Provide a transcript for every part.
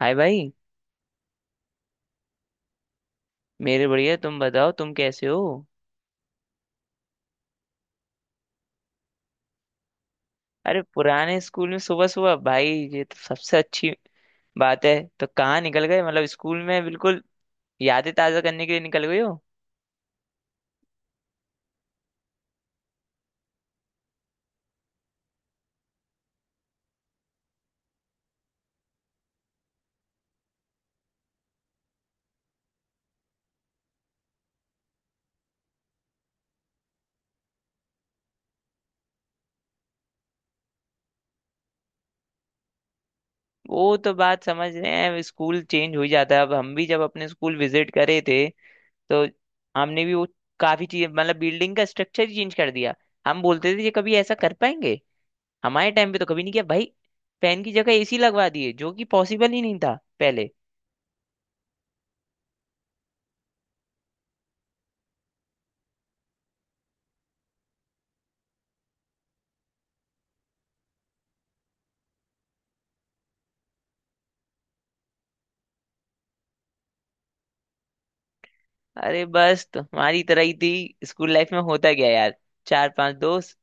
हाय भाई। मेरे बढ़िया। तुम बताओ, तुम कैसे हो? अरे पुराने स्कूल में सुबह सुबह भाई! ये तो सबसे अच्छी बात है। तो कहाँ निकल गए? मतलब स्कूल में बिल्कुल यादें ताज़ा करने के लिए निकल गए हो? वो तो बात समझ रहे हैं, स्कूल चेंज हो ही जाता है। अब हम भी जब अपने स्कूल विजिट करे थे तो हमने भी वो काफ़ी चीज़, मतलब बिल्डिंग का स्ट्रक्चर ही चेंज कर दिया। हम बोलते थे ये कभी ऐसा कर पाएंगे? हमारे टाइम पे तो कभी नहीं किया भाई। फैन की जगह एसी लगवा दिए, जो कि पॉसिबल ही नहीं था पहले। अरे बस तुम्हारी तरह ही थी। स्कूल लाइफ में होता क्या यार, चार पांच दोस्त,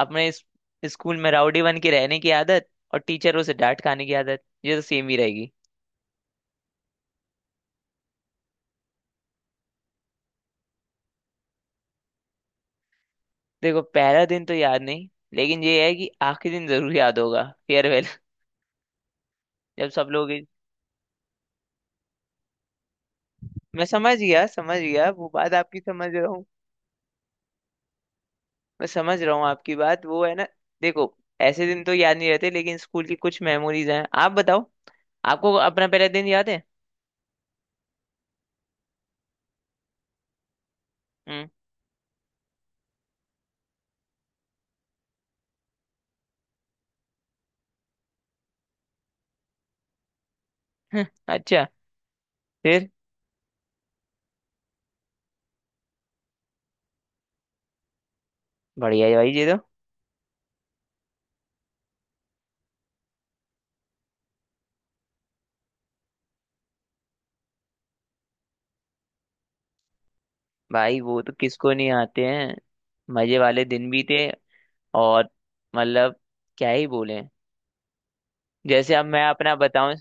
अपने स्कूल में राउडी बन के रहने की आदत और टीचरों से डांट खाने की आदत, ये तो सेम ही रहेगी। देखो, पहला दिन तो याद नहीं, लेकिन ये है कि आखिरी दिन जरूर याद होगा। फेयरवेल जब सब लोग। मैं समझ गया, समझ गया, वो बात आपकी समझ रहा हूँ। मैं समझ रहा हूँ आपकी बात, वो है ना। देखो, ऐसे दिन तो याद नहीं रहते, लेकिन स्कूल की कुछ मेमोरीज हैं। आप बताओ, आपको अपना पहला दिन याद है? हम्म। अच्छा। फिर? बढ़िया है भाई जी। भाई वो तो किसको नहीं आते हैं। मजे वाले दिन भी थे। और मतलब क्या ही बोले। जैसे अब मैं अपना बताऊं,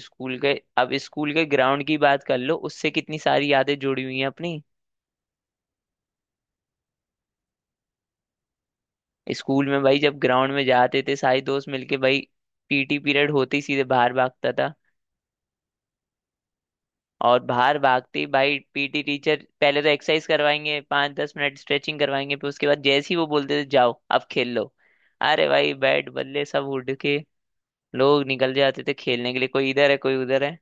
स्कूल के, अब स्कूल के ग्राउंड की बात कर लो, उससे कितनी सारी यादें जुड़ी हुई हैं अपनी। स्कूल में भाई, जब ग्राउंड में जाते थे सारे दोस्त मिलके भाई, पीटी पीरियड होते ही सीधे बाहर भागता था। और बाहर भागते ही भाई पीटी टीचर पहले तो एक्सरसाइज करवाएंगे, 5-10 मिनट स्ट्रेचिंग करवाएंगे, फिर उसके बाद जैसे ही वो बोलते थे जाओ अब खेल लो। अरे भाई बैट बल्ले सब उड़ के लोग निकल जाते थे खेलने के लिए, कोई इधर है कोई उधर है।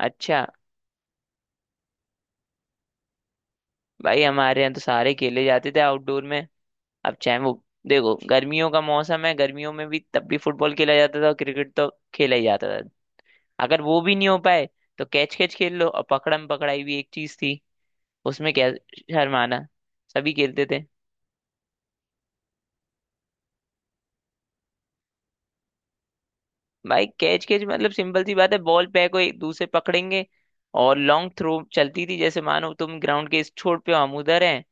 अच्छा। भाई हमारे यहाँ तो सारे खेले जाते थे आउटडोर में। अब चाहे वो, देखो गर्मियों का मौसम है, गर्मियों में भी तब भी फुटबॉल खेला जाता था, क्रिकेट तो खेला ही जाता था। अगर वो भी नहीं हो पाए तो कैच कैच खेल लो। और पकड़म पकड़ाई भी एक चीज थी। उसमें क्या शर्माना, सभी खेलते थे। भाई कैच कैच मतलब सिंपल सी बात है, बॉल पे को एक दूसरे पकड़ेंगे। और लॉन्ग थ्रो चलती थी। जैसे मानो तुम ग्राउंड के इस छोर पे हो, हम उधर हैं।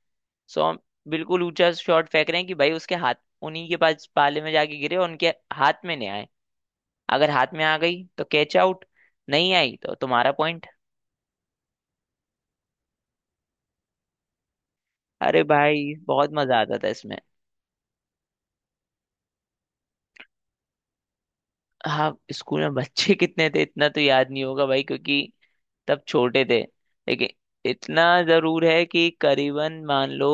सो हम बिल्कुल ऊंचा शॉट फेंक रहे हैं कि भाई उसके हाथ, उन्हीं के पास पाले में जाके गिरे और उनके हाथ में नहीं आए। अगर हाथ में आ गई तो कैच आउट, नहीं आई तो तुम्हारा पॉइंट। अरे भाई बहुत मजा आता था इसमें। हाँ, स्कूल में बच्चे कितने थे इतना तो याद नहीं होगा भाई, क्योंकि तब छोटे थे। लेकिन इतना जरूर है कि करीबन मान लो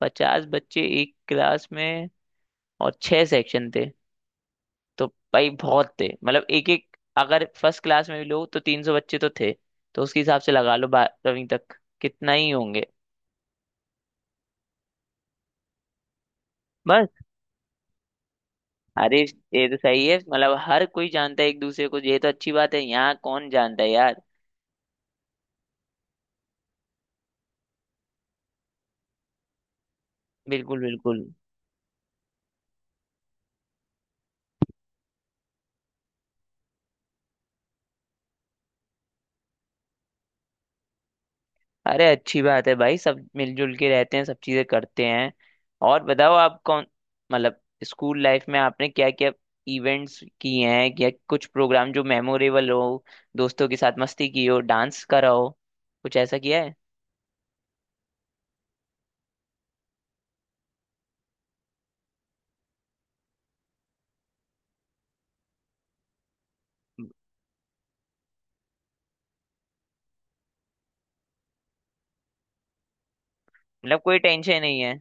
50 बच्चे एक क्लास में और छह सेक्शन थे। तो भाई बहुत थे, मतलब एक एक। अगर फर्स्ट क्लास में भी लो तो 300 बच्चे तो थे। तो उसके हिसाब से लगा लो 12वीं तक कितना ही होंगे। बस। अरे ये तो सही है, मतलब हर कोई जानता है एक दूसरे को, ये तो अच्छी बात है। यहाँ कौन जानता है यार। बिल्कुल, बिल्कुल। अरे अच्छी बात है भाई, सब मिलजुल के रहते हैं, सब चीजें करते हैं। और बताओ, आप कौन, मतलब स्कूल लाइफ में आपने क्या क्या इवेंट्स किए हैं? या कुछ प्रोग्राम जो मेमोरेबल हो, दोस्तों के साथ मस्ती की हो, डांस करा हो, कुछ ऐसा किया है? मतलब कोई टेंशन नहीं है।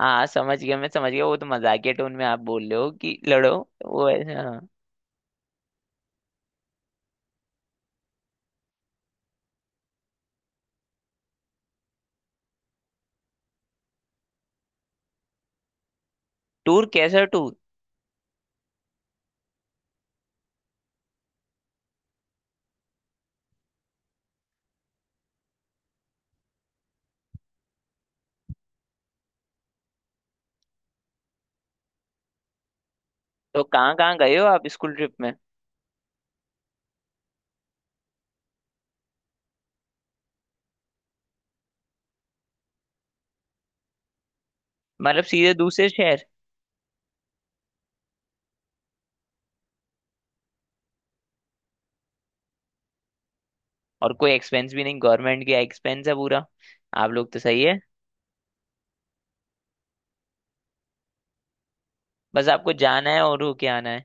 हाँ, समझ गया, मैं समझ गया। वो तो मजाकिया टोन में आप बोल रहे हो कि लड़ो। वो ऐसा, हाँ। टूर? कैसा टूर? तो कहाँ कहाँ गए हो आप स्कूल ट्रिप में? मतलब सीधे दूसरे शहर। और कोई एक्सपेंस भी नहीं, गवर्नमेंट का एक्सपेंस है पूरा। आप लोग तो सही है। बस आपको जाना है और होके आना है।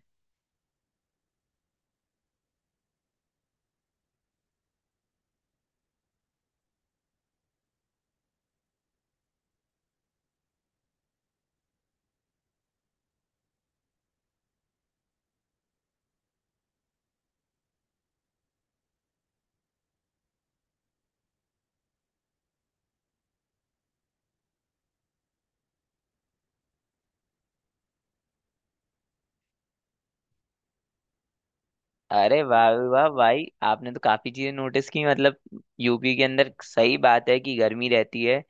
अरे वाह वाह वाह भाई, आपने तो काफी चीजें नोटिस की। मतलब यूपी के अंदर सही बात है कि गर्मी रहती है।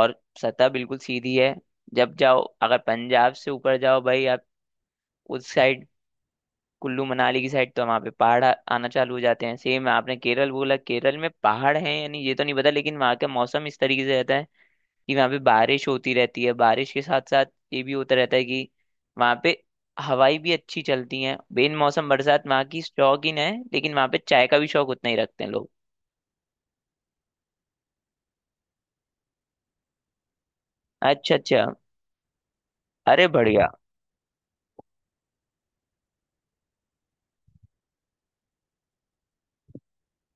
और सतह बिल्कुल सीधी है। जब जाओ, अगर पंजाब से ऊपर जाओ भाई आप, उस साइड, कुल्लू मनाली की साइड, तो वहाँ पे पहाड़ आना चालू हो जाते हैं। सेम आपने केरल बोला, केरल में पहाड़ हैं यानी ये तो नहीं पता, लेकिन वहाँ का मौसम इस तरीके से रहता है कि वहाँ पे बारिश होती रहती है। बारिश के साथ साथ ये भी होता रहता है कि वहाँ पे हवाई भी अच्छी चलती हैं। बेन मौसम बरसात वहाँ की शौकीन है, लेकिन वहाँ पे चाय का भी शौक उतना ही रखते हैं लोग। अच्छा, अच्छा। अरे बढ़िया।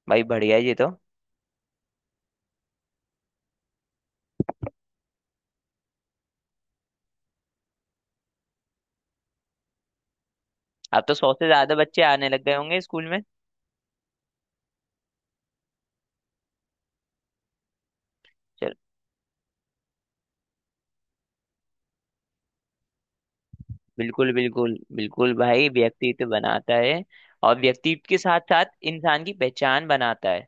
भाई बढ़िया है ये तो। अब तो 100 से ज्यादा बच्चे आने लग गए होंगे स्कूल में। चल। बिल्कुल, बिल्कुल, बिल्कुल भाई, व्यक्तित्व बनाता है। और व्यक्तित्व के साथ साथ इंसान की पहचान बनाता है।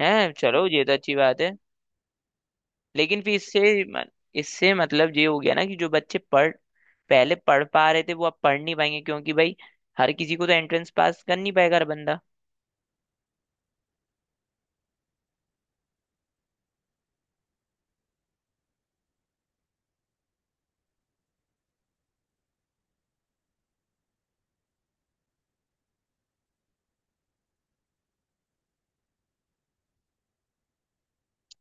हैं, चलो ये तो अच्छी बात है। लेकिन फिर इससे मतलब ये हो गया ना कि जो बच्चे पढ़ पहले पढ़ पा रहे थे वो अब पढ़ नहीं पाएंगे, क्योंकि भाई हर किसी को तो एंट्रेंस पास कर नहीं पाएगा हर बंदा।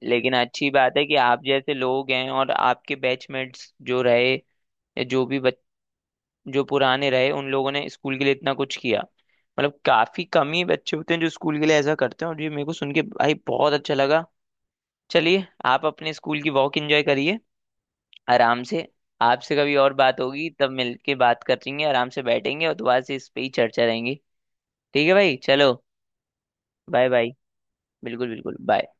लेकिन अच्छी बात है कि आप जैसे लोग हैं और आपके बैचमेट्स जो रहे, या जो पुराने रहे, उन लोगों ने स्कूल के लिए इतना कुछ किया। मतलब काफी कम ही बच्चे होते हैं जो स्कूल के लिए ऐसा करते हैं, और ये मेरे को सुन के भाई बहुत अच्छा लगा। चलिए आप अपने स्कूल की वॉक एंजॉय करिए आराम से। आपसे कभी और बात होगी, तब मिलके बात करेंगे, आराम से बैठेंगे और दोबारा से इस पे ही चर्चा रहेंगी। ठीक है भाई, चलो। Bye bye. बिल्कुल, बिल्कुल, बाय।